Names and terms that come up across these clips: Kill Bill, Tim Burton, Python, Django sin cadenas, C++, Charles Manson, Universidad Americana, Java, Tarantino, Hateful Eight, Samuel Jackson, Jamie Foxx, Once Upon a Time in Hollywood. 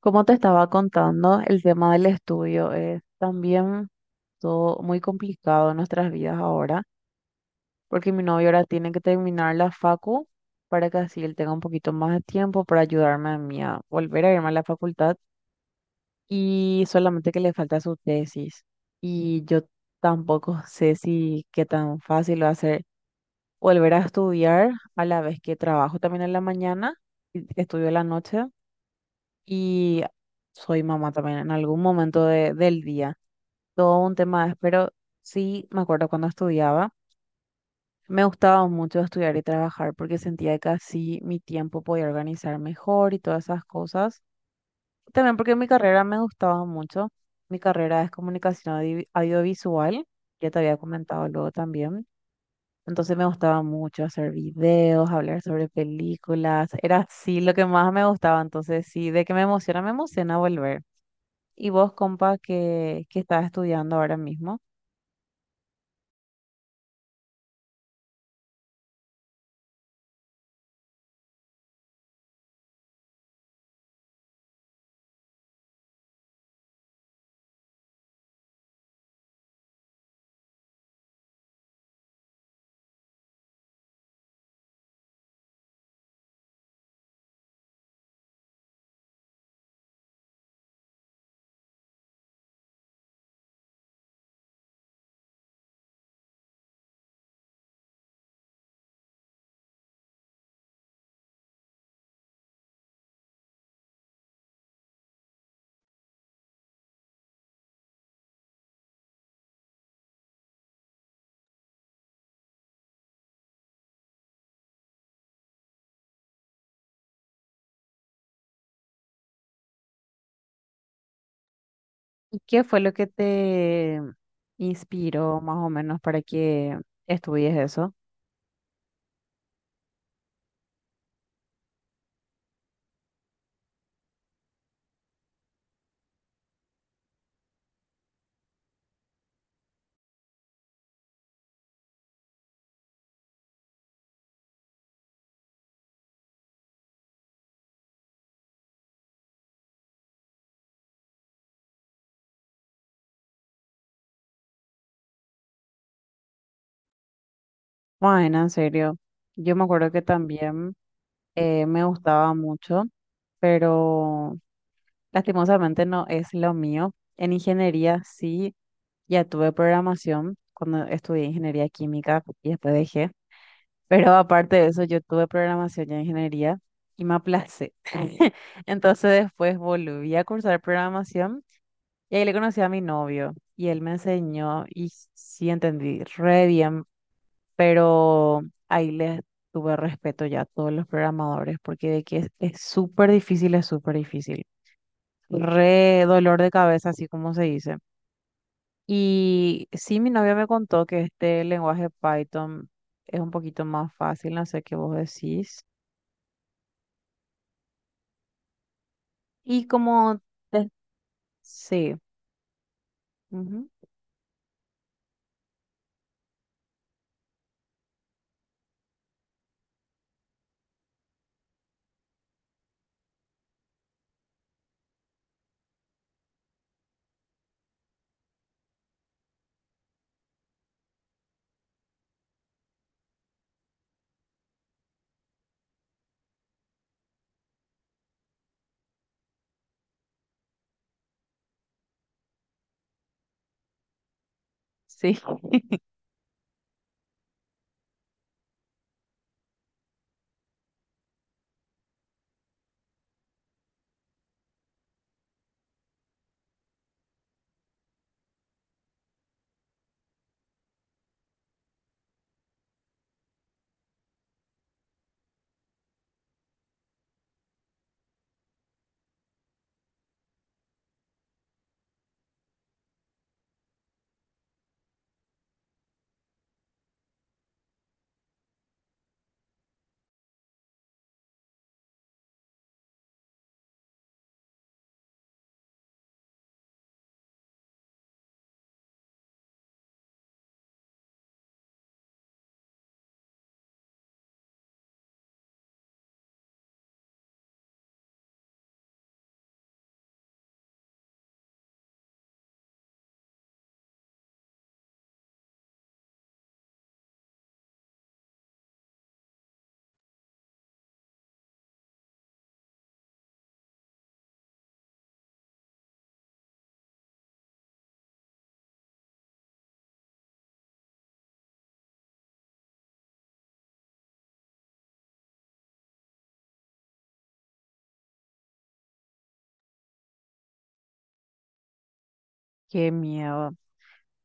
Como te estaba contando, el tema del estudio es también todo muy complicado en nuestras vidas ahora, porque mi novio ahora tiene que terminar la facu para que así él tenga un poquito más de tiempo para ayudarme a mí a volver a irme a la facultad y solamente que le falta su tesis. Y yo tampoco sé si qué tan fácil va a ser volver a estudiar a la vez que trabajo también en la mañana y estudio en la noche. Y soy mamá también en algún momento del día. Todo un tema es, pero sí me acuerdo cuando estudiaba, me gustaba mucho estudiar y trabajar porque sentía que así mi tiempo podía organizar mejor y todas esas cosas. También porque mi carrera me gustaba mucho. Mi carrera es comunicación audiovisual, ya te había comentado luego también. Entonces me gustaba mucho hacer videos, hablar sobre películas, era así lo que más me gustaba. Entonces sí, de que me emociona volver. Y vos, compa, que estás estudiando ahora mismo, ¿y qué fue lo que te inspiró más o menos para que estudies eso? Bueno, en serio, yo me acuerdo que también me gustaba mucho, pero lastimosamente no es lo mío. En ingeniería sí, ya tuve programación cuando estudié ingeniería química y después dejé. Pero aparte de eso, yo tuve programación y ingeniería y me aplacé. Entonces después volví a cursar programación y ahí le conocí a mi novio y él me enseñó y sí entendí re bien, pero ahí le tuve respeto ya a todos los programadores porque de que es súper difícil, es súper difícil. Re dolor de cabeza, así como se dice. Y sí, mi novia me contó que este lenguaje Python es un poquito más fácil, no sé qué vos decís. Y como, te- sí, ujú, sí, qué miedo.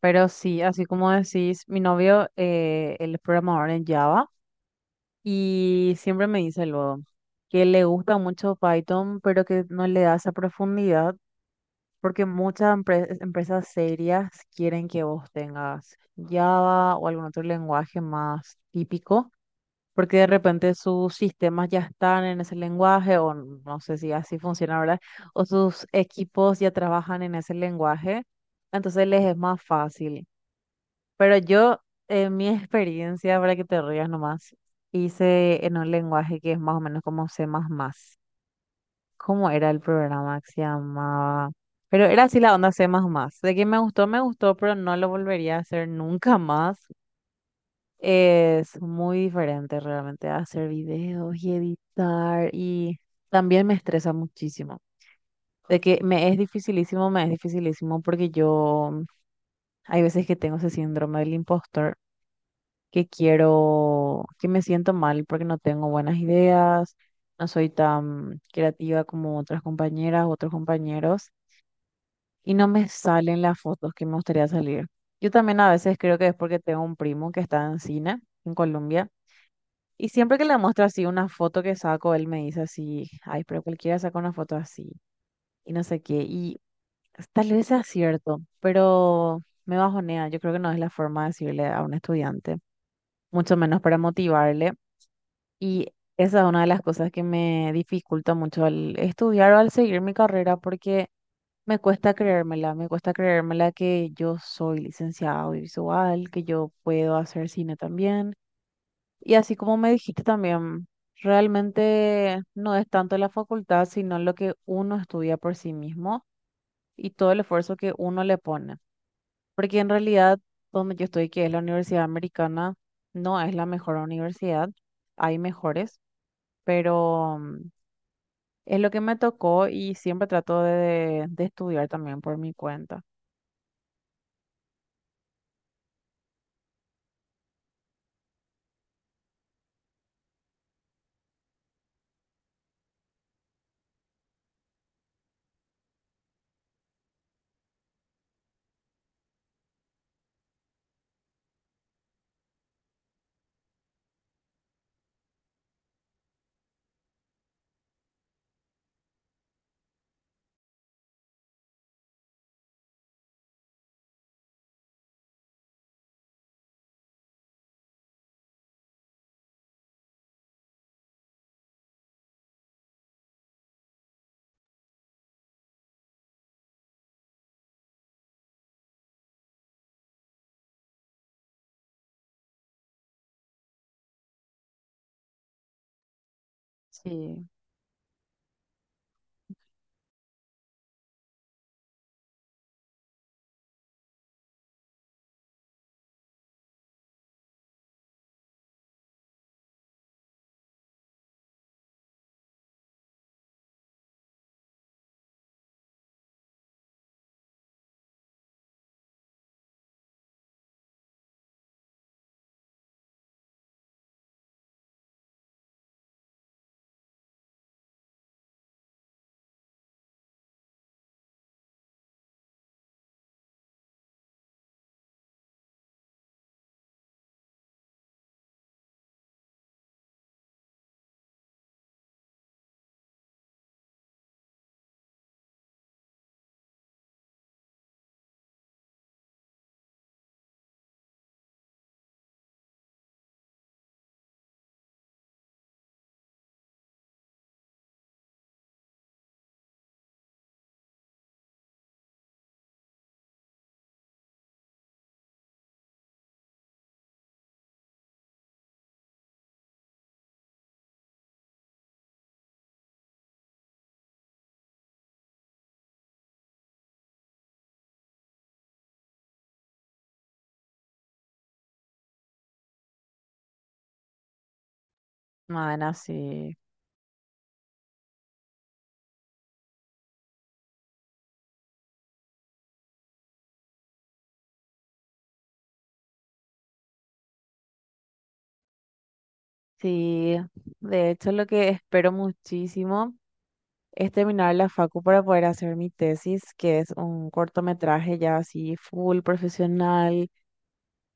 Pero sí, así como decís, mi novio, él es programador en Java y siempre me dice luego que le gusta mucho Python, pero que no le da esa profundidad porque muchas empresas serias quieren que vos tengas Java o algún otro lenguaje más típico porque de repente sus sistemas ya están en ese lenguaje, o no sé si así funciona, ¿verdad? O sus equipos ya trabajan en ese lenguaje, entonces les es más fácil. Pero yo, en mi experiencia, para que te rías nomás, hice en un lenguaje que es más o menos como C++. ¿Cómo era el programa que se llamaba? Pero era así la onda C++. De que me gustó, pero no lo volvería a hacer nunca más, es muy diferente realmente a hacer videos y editar y también me estresa muchísimo. De que me es dificilísimo porque yo hay veces que tengo ese síndrome del impostor, que quiero, que me siento mal porque no tengo buenas ideas, no soy tan creativa como otras compañeras, otros compañeros y no me salen las fotos que me gustaría salir. Yo también a veces creo que es porque tengo un primo que está en cine en Colombia. Y siempre que le muestro así una foto que saco, él me dice así, ay, pero cualquiera saca una foto así y no sé qué. Y tal vez sea cierto, pero me bajonea. Yo creo que no es la forma de decirle a un estudiante, mucho menos para motivarle. Y esa es una de las cosas que me dificulta mucho al estudiar o al seguir mi carrera porque me cuesta creérmela que yo soy licenciada audiovisual, que yo puedo hacer cine también y así como me dijiste también, realmente no es tanto la facultad, sino lo que uno estudia por sí mismo y todo el esfuerzo que uno le pone. Porque en realidad, donde yo estoy, que es la Universidad Americana, no es la mejor universidad, hay mejores, pero es lo que me tocó y siempre trato de estudiar también por mi cuenta. Sí, bueno, sí. Sí, de hecho lo que espero muchísimo es terminar la facu para poder hacer mi tesis, que es un cortometraje ya así full profesional,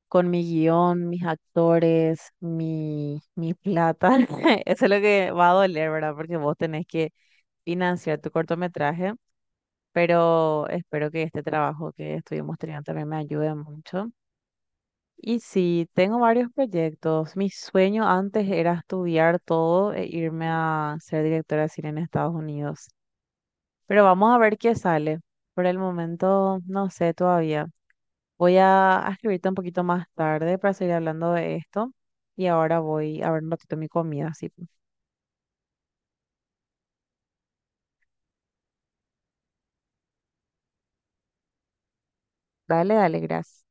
con mi guión, mis actores, mi plata. Eso es lo que va a doler, ¿verdad? Porque vos tenés que financiar tu cortometraje, pero espero que este trabajo que estuvimos teniendo también me ayude mucho. Y sí, tengo varios proyectos. Mi sueño antes era estudiar todo e irme a ser directora de cine en Estados Unidos. Pero vamos a ver qué sale. Por el momento, no sé todavía. Voy a escribirte un poquito más tarde para seguir hablando de esto. Y ahora voy a ver un ratito mi comida. Así. Dale, dale, gracias.